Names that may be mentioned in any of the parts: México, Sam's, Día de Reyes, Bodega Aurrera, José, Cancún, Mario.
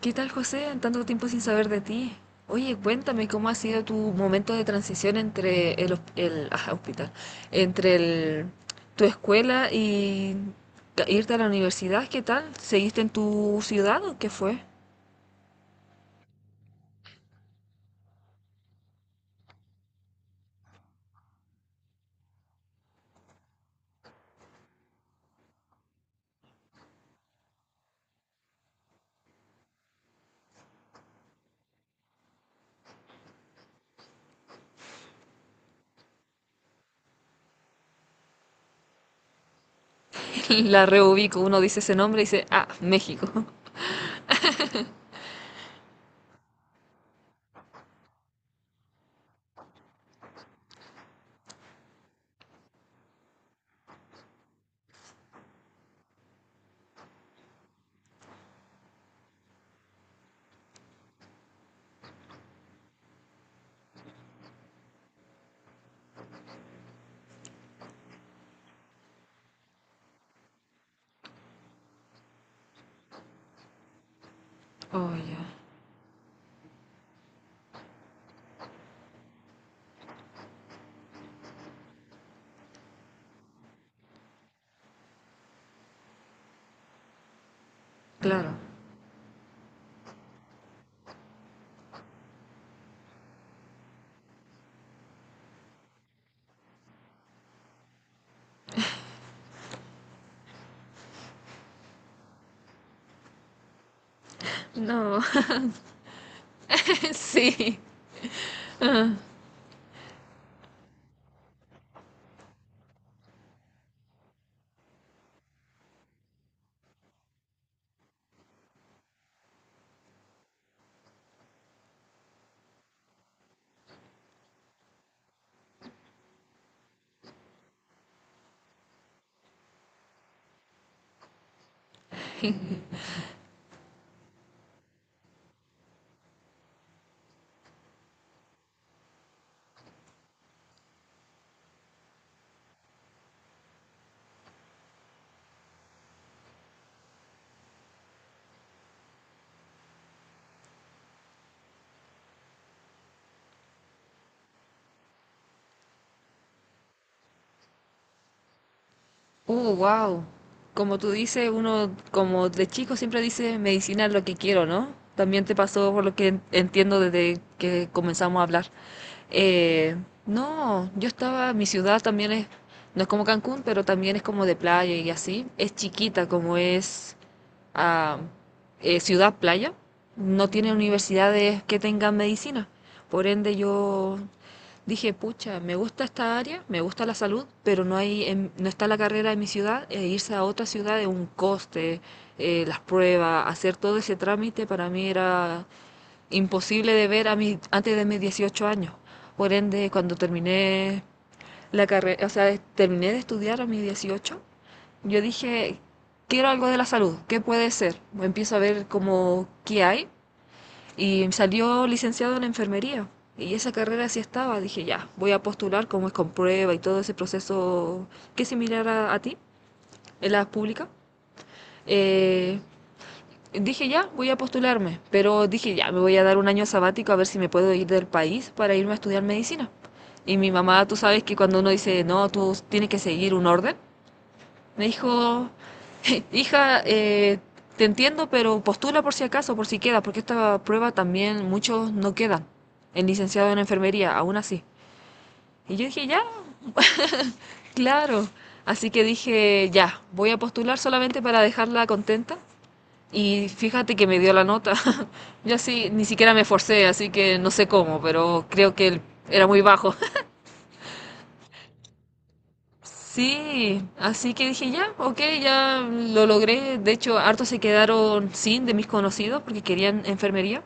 ¿Qué tal, José? Tanto tiempo sin saber de ti. Oye, cuéntame cómo ha sido tu momento de transición entre el hospital, entre el- tu escuela y irte a la universidad. ¿Qué tal? ¿Seguiste en tu ciudad o qué fue? La reubico, uno dice ese nombre y dice, ah, México. Oh, ya, claro. No, sí. Wow. Como tú dices, uno como de chico siempre dice medicina es lo que quiero, ¿no? También te pasó por lo que entiendo desde que comenzamos a hablar. Eh, no, yo estaba, mi ciudad también es, no es como Cancún, pero también es como de playa y así. Es chiquita como es ah, ciudad playa. No tiene universidades que tengan medicina. Por ende, yo dije, pucha, me gusta esta área, me gusta la salud, pero no hay, no está la carrera en mi ciudad, e irse a otra ciudad es un coste, las pruebas, hacer todo ese trámite para mí era imposible de ver a mí antes de mis 18 años. Por ende, cuando terminé la carrera, o sea, terminé de estudiar a mis 18, yo dije, quiero algo de la salud, ¿qué puede ser? Empiezo a ver como qué hay y salió licenciado en enfermería. Y esa carrera sí estaba. Dije, ya, voy a postular como es con prueba y todo ese proceso que es similar a ti, en la pública. Eh, dije, ya, voy a postularme. Pero dije, ya, me voy a dar un año sabático a ver si me puedo ir del país para irme a estudiar medicina. Y mi mamá, tú sabes que cuando uno dice, no, tú tienes que seguir un orden, me dijo, hija, te entiendo, pero postula por si acaso, por si queda, porque esta prueba también muchos no quedan. El licenciado en enfermería, aún así. Y yo dije, ya, claro. Así que dije, ya, voy a postular solamente para dejarla contenta. Y fíjate que me dio la nota. Yo así ni siquiera me esforcé, así que no sé cómo, pero creo que era muy bajo. Sí, así que dije ya, ok, ya lo logré. De hecho, hartos se quedaron sin de mis conocidos porque querían enfermería.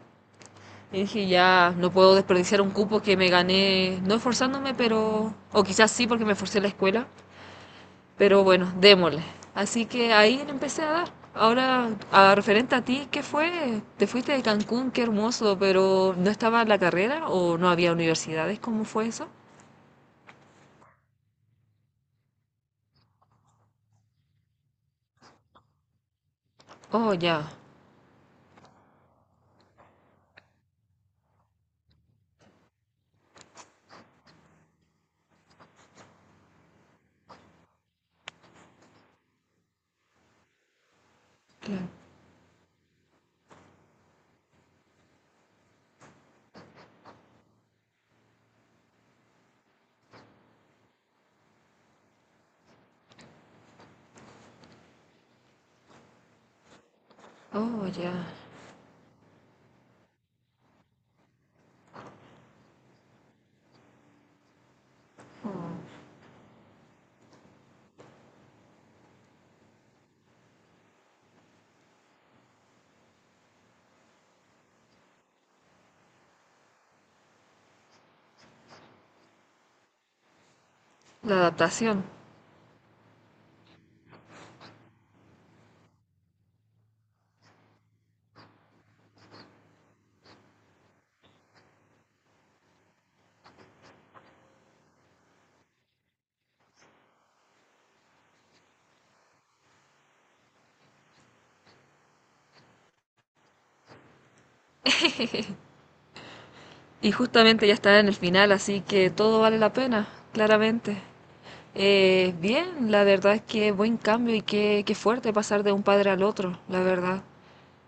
Y dije ya, no puedo desperdiciar un cupo que me gané, no esforzándome, pero, o quizás sí porque me esforcé en la escuela, pero bueno, démosle. Así que ahí le empecé a dar. Ahora, a referente a ti, ¿qué fue? Te fuiste de Cancún, qué hermoso, pero ¿no estaba la carrera o no había universidades? ¿Cómo fue eso? Oh, ya. Claro. Oh, ya. La adaptación. Y justamente ya está en el final, así que todo vale la pena, claramente. Bien, la verdad es que buen cambio y qué, qué fuerte pasar de un padre al otro, la verdad.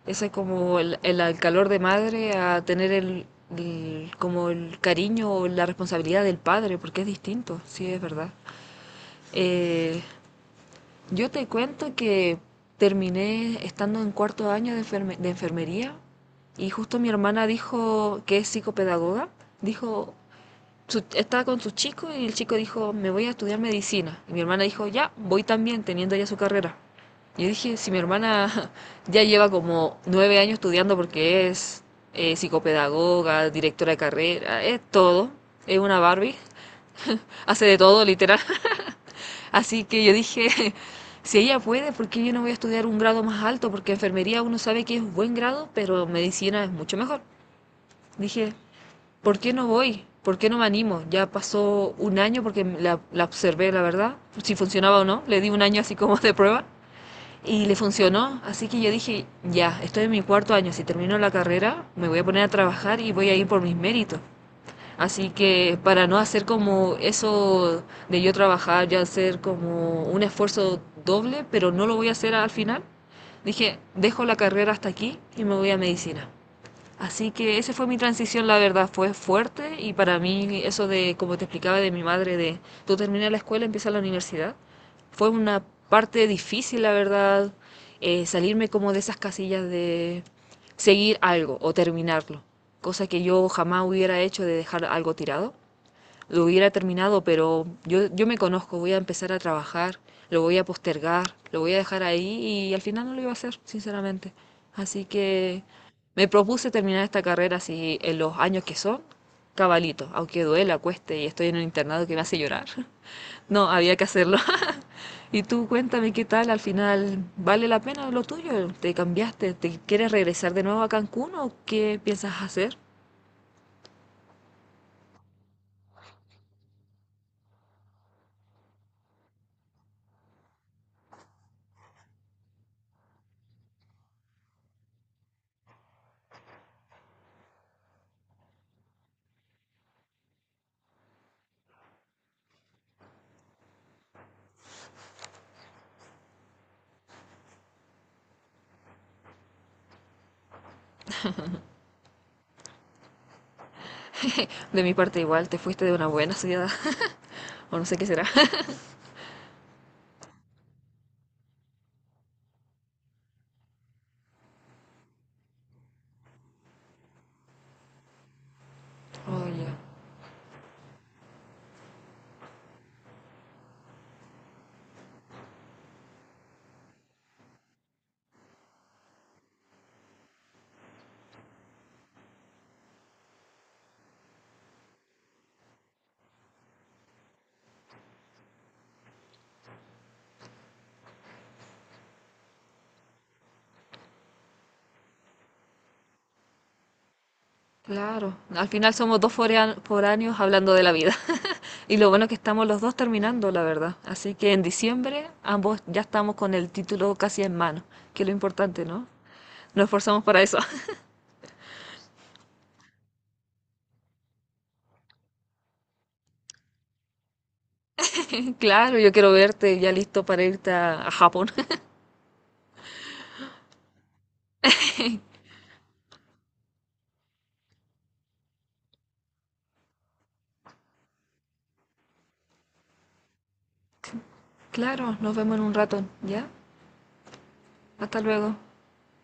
Ese es como el calor de madre a tener como el cariño o la responsabilidad del padre, porque es distinto, sí, es verdad. Eh, yo te cuento que terminé estando en cuarto año de enfermería y justo mi hermana dijo que es psicopedagoga, dijo, estaba con su chico y el chico dijo, me voy a estudiar medicina. Y mi hermana dijo, ya, voy también, teniendo ya su carrera. Y yo dije, si mi hermana ya lleva como 9 años estudiando porque es psicopedagoga, directora de carrera, es todo, es una Barbie, hace de todo, literal. Así que yo dije, si ella puede, ¿por qué yo no voy a estudiar un grado más alto? Porque enfermería uno sabe que es un buen grado, pero medicina es mucho mejor. Dije, ¿por qué no voy? ¿Por qué no me animo? Ya pasó un año porque la observé, la verdad, si funcionaba o no. Le di un año así como de prueba y le funcionó. Así que yo dije, ya, estoy en mi cuarto año. Si termino la carrera, me voy a poner a trabajar y voy a ir por mis méritos. Así que para no hacer como eso de yo trabajar, ya hacer como un esfuerzo doble, pero no lo voy a hacer al final, dije, dejo la carrera hasta aquí y me voy a medicina. Así que esa fue mi transición, la verdad, fue fuerte y para mí eso de, como te explicaba de mi madre, de tú terminas la escuela, empiezas la universidad, fue una parte difícil, la verdad, salirme como de esas casillas de seguir algo o terminarlo, cosa que yo jamás hubiera hecho de dejar algo tirado lo hubiera terminado, pero yo me conozco, voy a empezar a trabajar, lo voy a postergar, lo voy a dejar ahí y al final no lo iba a hacer, sinceramente. Así que me propuse terminar esta carrera así en los años que son, cabalito, aunque duela, cueste y estoy en un internado que me hace llorar. No, había que hacerlo. Y tú cuéntame qué tal, al final, ¿vale la pena lo tuyo? ¿Te cambiaste? ¿Te quieres regresar de nuevo a Cancún o qué piensas hacer? De mi parte igual, te fuiste de una buena ciudad, o no sé qué será. Oye, claro. Al final somos dos foráneos hablando de la vida. Y lo bueno es que estamos los dos terminando, la verdad. Así que en diciembre ambos ya estamos con el título casi en mano, que es lo importante, ¿no? Nos esforzamos para eso. Claro, yo quiero verte ya listo para irte a Japón. Claro, nos vemos en un rato, ¿ya? Hasta luego.